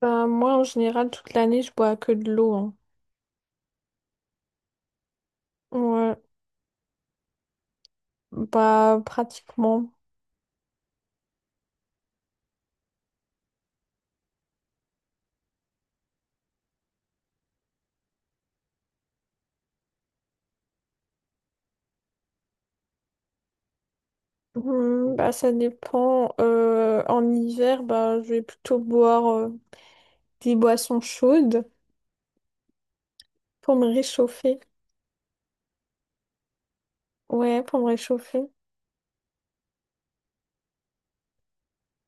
Bah, moi, en général, toute l'année, je bois que de l'eau, hein. Ouais, bah, pratiquement. Hmm, bah, ça dépend. En hiver, bah, je vais plutôt boire des boissons chaudes pour me réchauffer. Ouais, pour me réchauffer.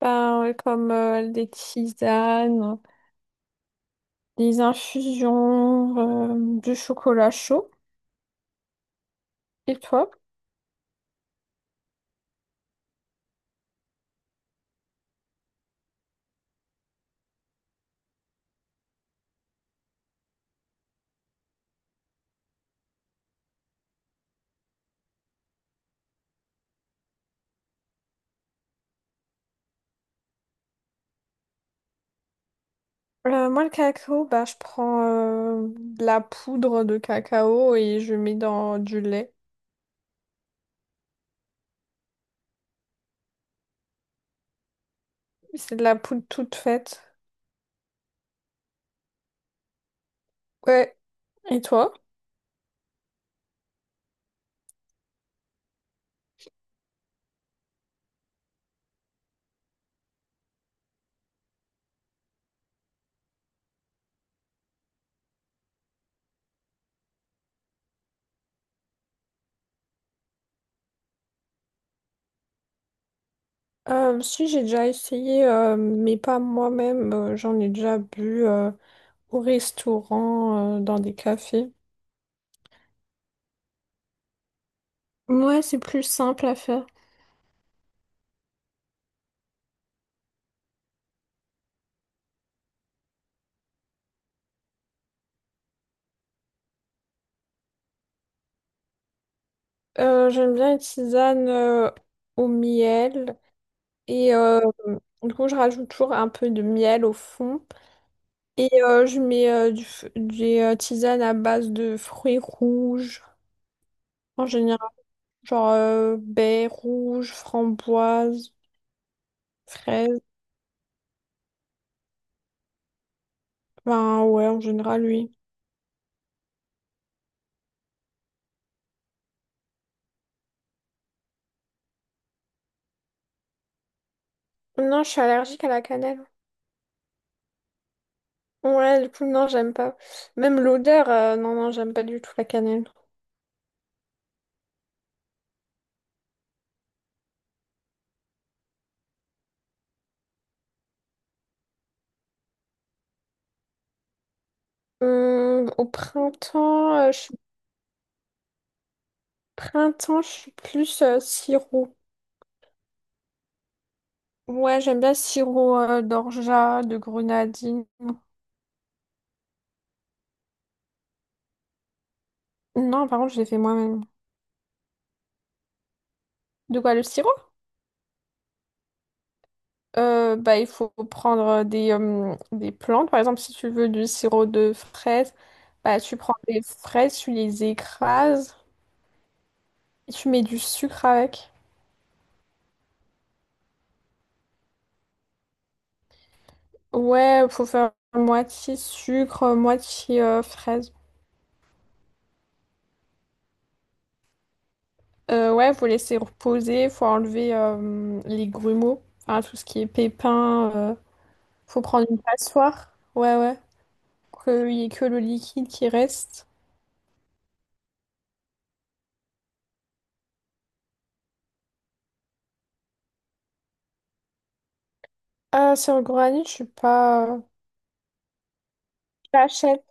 Bah, ouais, comme des tisanes, des infusions, du chocolat chaud. Et toi? Moi, le cacao, bah, je prends de la poudre de cacao et je mets dans du lait. C'est de la poudre toute faite. Ouais. Et toi? Si j'ai déjà essayé, mais pas moi-même, j'en ai déjà bu au restaurant, dans des cafés. Ouais, c'est plus simple à faire. J'aime bien les tisanes au miel. Et du coup, je rajoute toujours un peu de miel au fond. Et je mets du f- des tisanes à base de fruits rouges. En général, genre baies rouges, framboises, fraises. Ben ouais, en général, oui. Non, je suis allergique à la cannelle. Ouais, du coup, non, j'aime pas. Même l'odeur, non, non, j'aime pas du tout la cannelle. Au printemps, je suis... Printemps, je suis plus sirop. Ouais, j'aime bien sirop d'orgeat, de grenadine. Non, par contre, je l'ai fait moi-même. De quoi, le sirop? Bah, il faut prendre des plantes. Par exemple, si tu veux du sirop de fraise, bah, tu prends des fraises, tu les écrases et tu mets du sucre avec. Ouais, faut faire moitié sucre, moitié fraise. Ouais, faut laisser reposer, faut enlever les grumeaux, enfin tout ce qui est pépins, faut prendre une passoire. Ouais, ouais, pour qu'il y ait que le liquide qui reste. Ah, sur le granit, je suis pas. Je l'achète.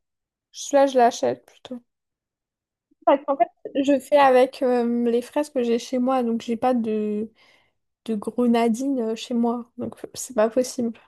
Celui-là, je l'achète plutôt. Parce qu'en fait, je fais avec les fraises que j'ai chez moi, donc j'ai pas de grenadine chez moi. Donc, c'est pas possible.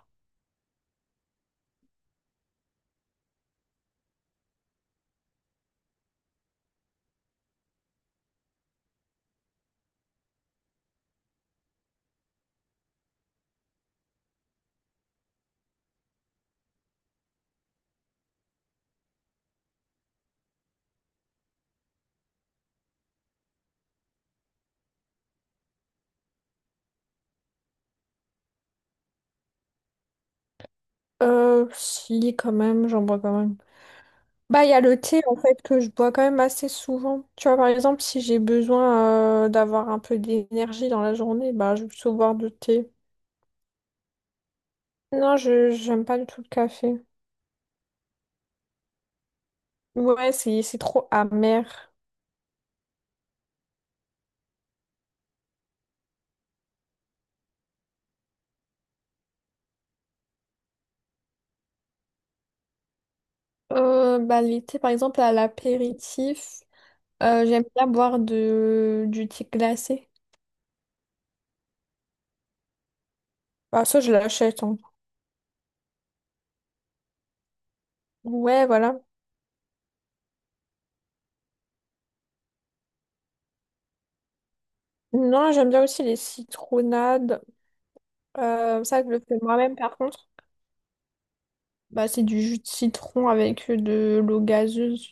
Si, quand même, j'en bois quand même. Bah, il y a le thé, en fait, que je bois quand même assez souvent. Tu vois, par exemple, si j'ai besoin d'avoir un peu d'énergie dans la journée, bah, je vais plutôt boire du thé. Non, je j'aime pas du tout le café. Ouais, c'est trop amer. Bah, l'été, par exemple, à l'apéritif, j'aime bien boire du thé glacé. Bah, ça, je l'achète, hein. Ouais, voilà. Non, j'aime bien aussi les citronnades. Ça, je le fais moi-même, par contre. Bah, c'est du jus de citron avec de l'eau gazeuse.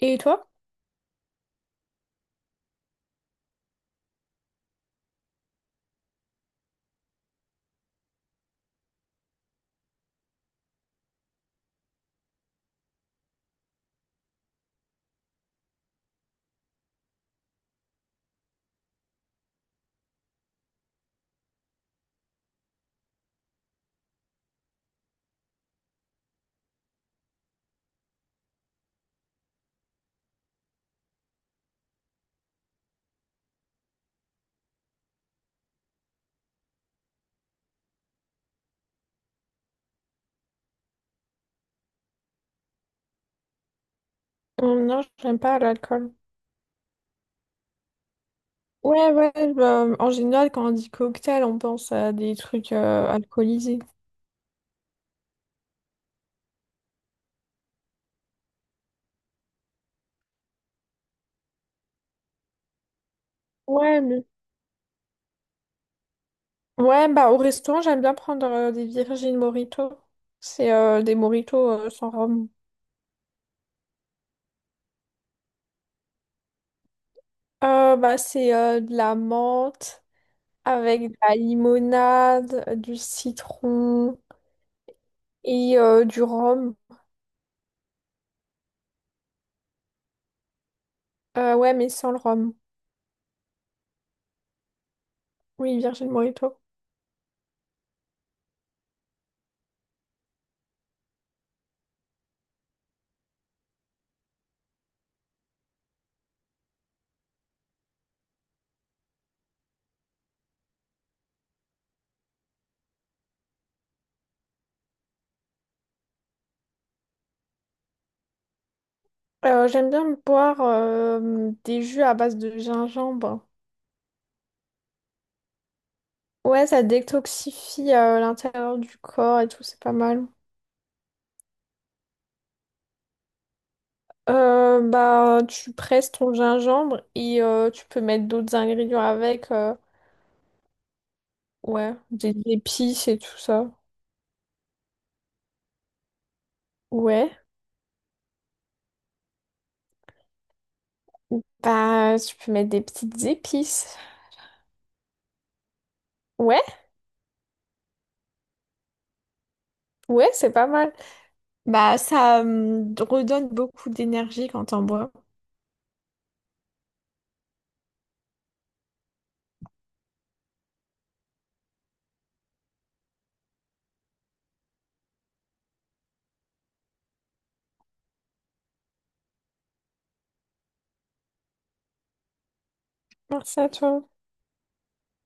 Et toi? Non, j'aime pas l'alcool. Ouais, ouais, bah, en général, quand on dit cocktail, on pense à des trucs alcoolisés. Ouais, mais... Ouais, bah, au restaurant, j'aime bien prendre des Virgin Mojito. C'est des mojitos sans rhum. Bah, c'est de la menthe, avec de la limonade, du citron et du rhum. Ouais, mais sans le rhum. Oui, Virgin Mojito. J'aime bien boire des jus à base de gingembre. Ouais, ça détoxifie l'intérieur du corps et tout, c'est pas mal. Bah, tu presses ton gingembre et tu peux mettre d'autres ingrédients avec, ouais, des épices et tout ça. Ouais. Bah, tu peux mettre des petites épices. Ouais, ouais, c'est pas mal. Bah, ça, redonne beaucoup d'énergie quand on boit. Merci à toi.